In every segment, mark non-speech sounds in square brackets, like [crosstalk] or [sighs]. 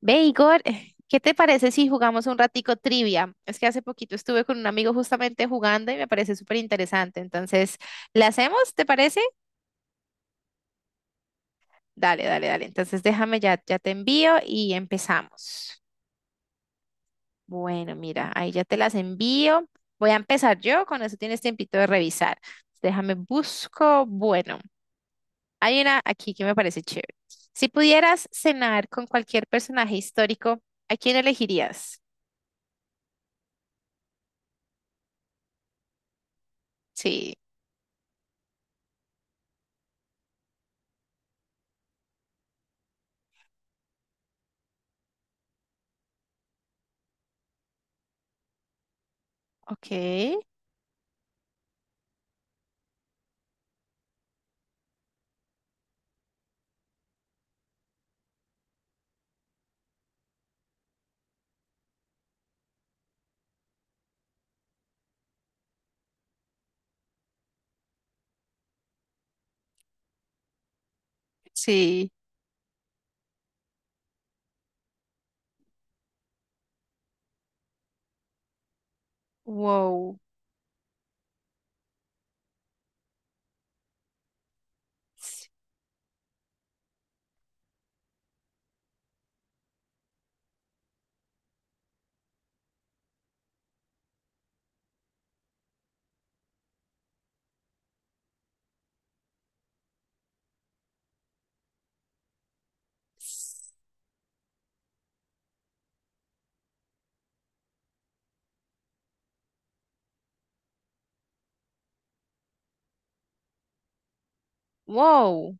Ve, Igor, [laughs] ¿qué te parece si jugamos un ratico trivia? Es que hace poquito estuve con un amigo justamente jugando y me parece súper interesante. Entonces, ¿la hacemos? ¿Te parece? Dale, dale, dale. Entonces, déjame ya te envío y empezamos. Bueno, mira, ahí ya te las envío. Voy a empezar yo, con eso tienes tiempito de revisar. Déjame busco. Bueno, hay una aquí que me parece chévere. Si pudieras cenar con cualquier personaje histórico, ¿a quién elegirías? Sí, ok. Sí. Wow. S- s- Wow.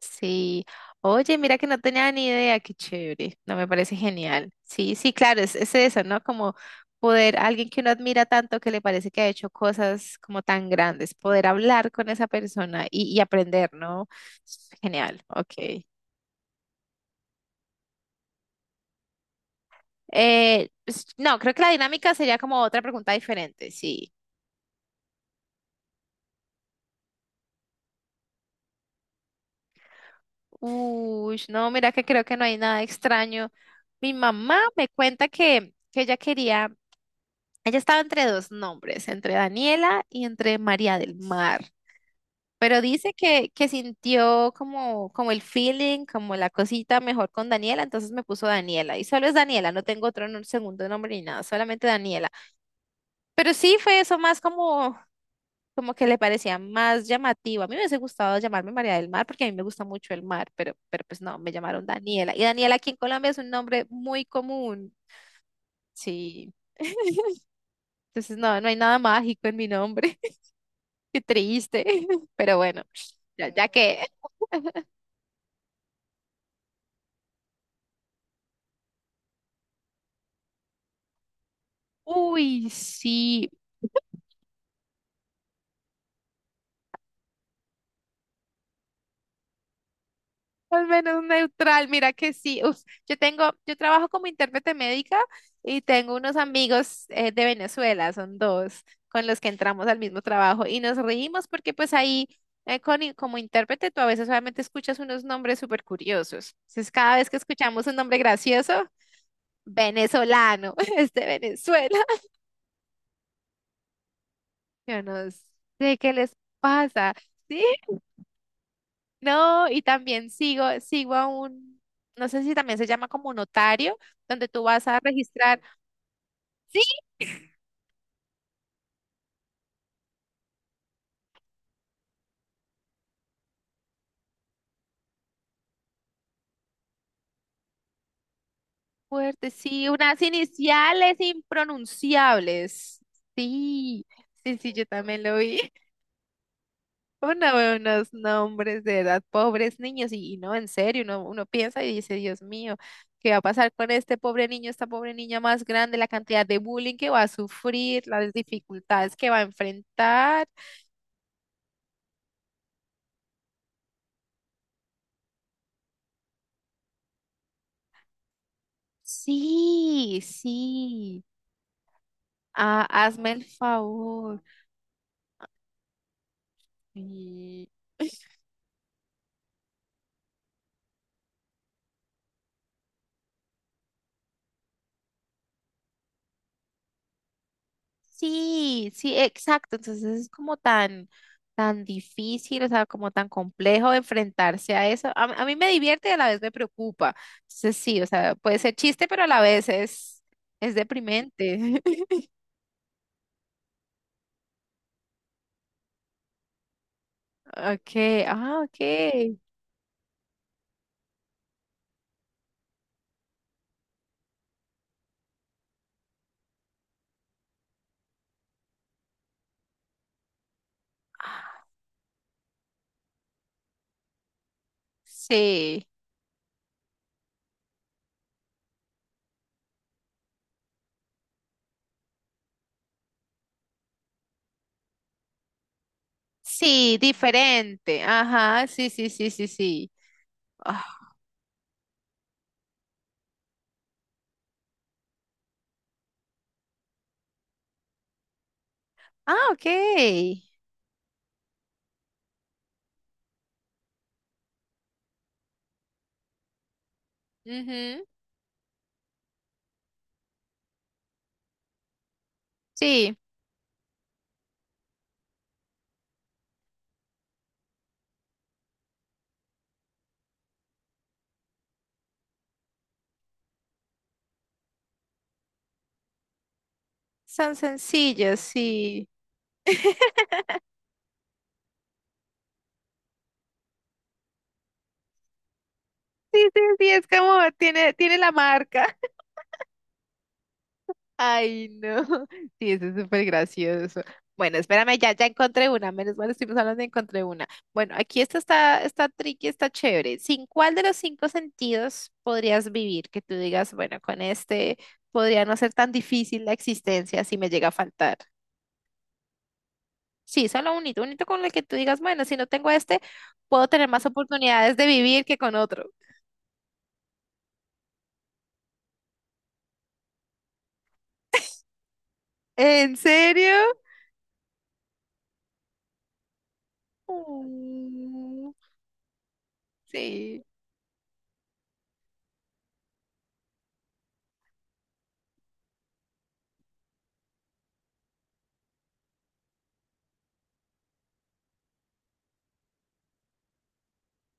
Sí. Oye, mira que no tenía ni idea, qué chévere. No, me parece genial. Sí, sí, claro, es eso, ¿no? Como poder, alguien que uno admira tanto que le parece que ha hecho cosas como tan grandes, poder hablar con esa persona y aprender, ¿no? Es genial, ok. No, creo que la dinámica sería como otra pregunta diferente, sí. Uy, no, mira que creo que no hay nada extraño. Mi mamá me cuenta que ella quería. Ella estaba entre dos nombres, entre Daniela y entre María del Mar. Pero dice que sintió como, como el feeling, como la cosita mejor con Daniela, entonces me puso Daniela. Y solo es Daniela, no tengo otro segundo nombre ni nada, solamente Daniela. Pero sí fue eso más como, como que le parecía más llamativo. A mí me hubiese gustado llamarme María del Mar porque a mí me gusta mucho el mar, pero pues no, me llamaron Daniela. Y Daniela aquí en Colombia es un nombre muy común. Sí. [laughs] Entonces no, no hay nada mágico en mi nombre. Qué triste, [laughs] pero bueno, ya que, uy, sí, al menos neutral, mira que sí, uf, yo tengo, yo trabajo como intérprete médica y tengo unos amigos de Venezuela, son dos, con los que entramos al mismo trabajo y nos reímos porque pues ahí como intérprete tú a veces solamente escuchas unos nombres súper curiosos, entonces cada vez que escuchamos un nombre gracioso, venezolano, [laughs] es de Venezuela, [laughs] yo no sé qué les pasa, ¿sí? No, y también sigo a un, no sé si también se llama como notario, donde tú vas a registrar, sí, fuerte, sí, unas iniciales impronunciables. Sí, sí, sí, yo también lo vi. [laughs] Uno ve unos nombres de edad, pobres niños, y no, en serio, uno, uno piensa y dice, Dios mío, ¿qué va a pasar con este pobre niño, esta pobre niña más grande, la cantidad de bullying que va a sufrir, las dificultades que va a enfrentar? Sí, sí. Ah, hazme el favor. Y- sí, sí, exacto. Entonces es como tan, tan difícil, o sea, como tan complejo enfrentarse a eso. A mí me divierte y a la vez me preocupa. Entonces sí, o sea, puede ser chiste, pero a la vez es deprimente. [laughs] Okay, ah, okay. Sí, sí, diferente. Ajá, sí, sí, sí, sí, sí. Ah, ah, okay. Ujú, sí, son sencillos, sí. Sí, sí, sí, es como tiene, tiene la marca. [laughs] Ay, no. Sí, eso es súper gracioso. Bueno, espérame, ya encontré una. Menos mal estuvimos hablando de encontré una. Bueno, aquí esta está, está tricky, está chévere. ¿Sin cuál de los cinco sentidos podrías vivir? Que tú digas, bueno, con este podría no ser tan difícil la existencia si me llega a faltar. Sí, solo unito, unito con el que tú digas, bueno, si no tengo este, puedo tener más oportunidades de vivir que con otro. ¿En serio? Mm, sí.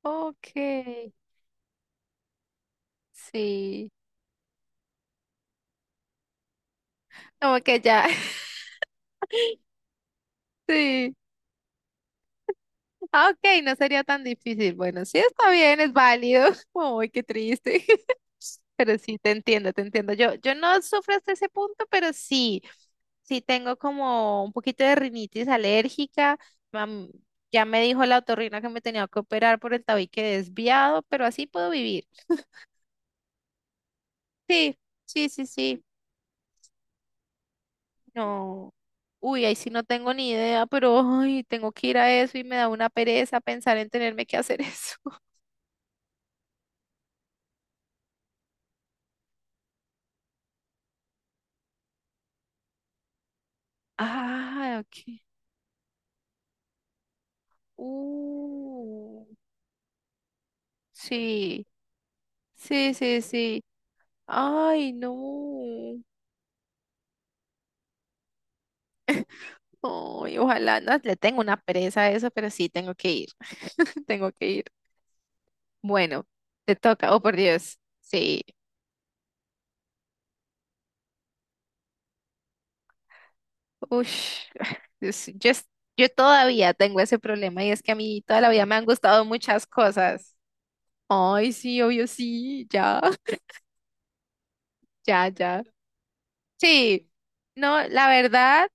Ok, sí. Como que ya, [laughs] sí. Ah, ok, no sería tan difícil. Bueno, sí está bien, es válido. [laughs] Uy, qué triste. [laughs] Pero sí, te entiendo, te entiendo. Yo no sufro hasta ese punto, pero sí, sí tengo como un poquito de rinitis alérgica. Mam- ya me dijo la otorrina que me tenía que operar por el tabique desviado, pero así puedo vivir. Sí, sí, sí, sí. No. Uy, ahí sí no tengo ni idea, pero ay, tengo que ir a eso y me da una pereza pensar en tenerme que hacer eso. [laughs] Ah, ok. Uh, sí, sí, sí, sí. Ay, no. Ay, ojalá, no, le tengo una pereza a eso, pero sí, tengo que ir. [laughs] Tengo que ir. Bueno, te toca. Oh, por Dios. Sí. Ush. [sighs] [laughs] Dios, yo, yo todavía tengo ese problema y es que a mí toda la vida me han gustado muchas cosas. Ay, sí, obvio, sí, ya, [laughs] ya, ya. Sí, no, la verdad,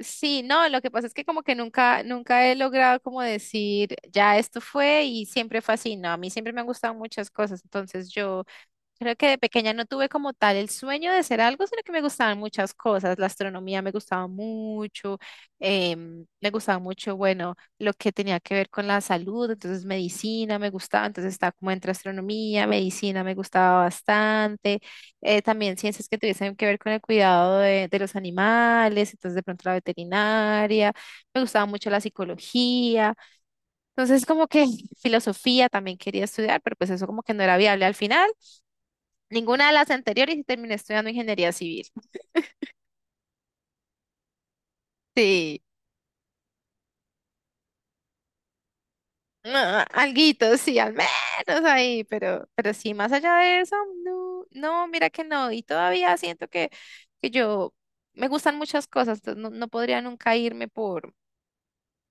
sí, no, lo que pasa es que como que nunca, nunca he logrado como decir, ya esto fue y siempre fue así, no, a mí siempre me han gustado muchas cosas, entonces yo creo que de pequeña no tuve como tal el sueño de ser algo, sino que me gustaban muchas cosas. La astronomía me gustaba mucho, me gustaba mucho, bueno, lo que tenía que ver con la salud, entonces medicina me gustaba, entonces estaba como entre astronomía, medicina me gustaba bastante, también ciencias que tuviesen que ver con el cuidado de los animales, entonces de pronto la veterinaria, me gustaba mucho la psicología, entonces como que [laughs] filosofía también quería estudiar, pero pues eso como que no era viable al final. Ninguna de las anteriores y terminé estudiando ingeniería civil. Sí, ah, alguito, sí, al menos ahí, pero sí, más allá de eso, no, no, mira que no. Y todavía siento que yo me gustan muchas cosas, entonces no, no podría nunca irme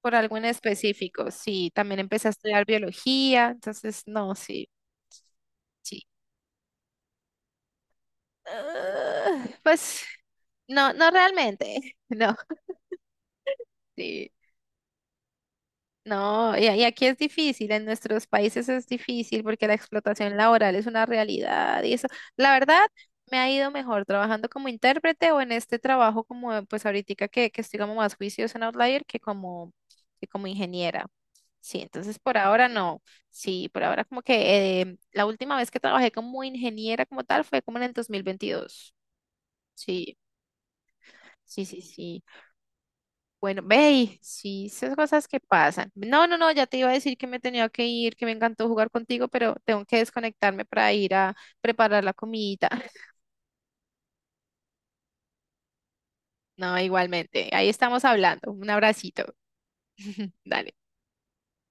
por algo en específico. Sí, también empecé a estudiar biología, entonces no, sí, sí. Ah, pues no, no realmente, [laughs] no, sí. No, y aquí es difícil, en nuestros países es difícil porque la explotación laboral es una realidad y eso, la verdad, me ha ido mejor trabajando como intérprete o en este trabajo como pues ahorita que estoy como más juiciosa en Outlier que como ingeniera. Sí, entonces por ahora no. Sí, por ahora como que la última vez que trabajé como ingeniera como tal fue como en el 2022. Sí, sí, sí, sí. Bueno, ve, y sí, esas cosas que pasan. No, no, no, ya te iba a decir que me tenía que ir, que me encantó jugar contigo, pero tengo que desconectarme para ir a preparar la comidita. [laughs] No, igualmente. Ahí estamos hablando. Un abracito. [laughs] Dale.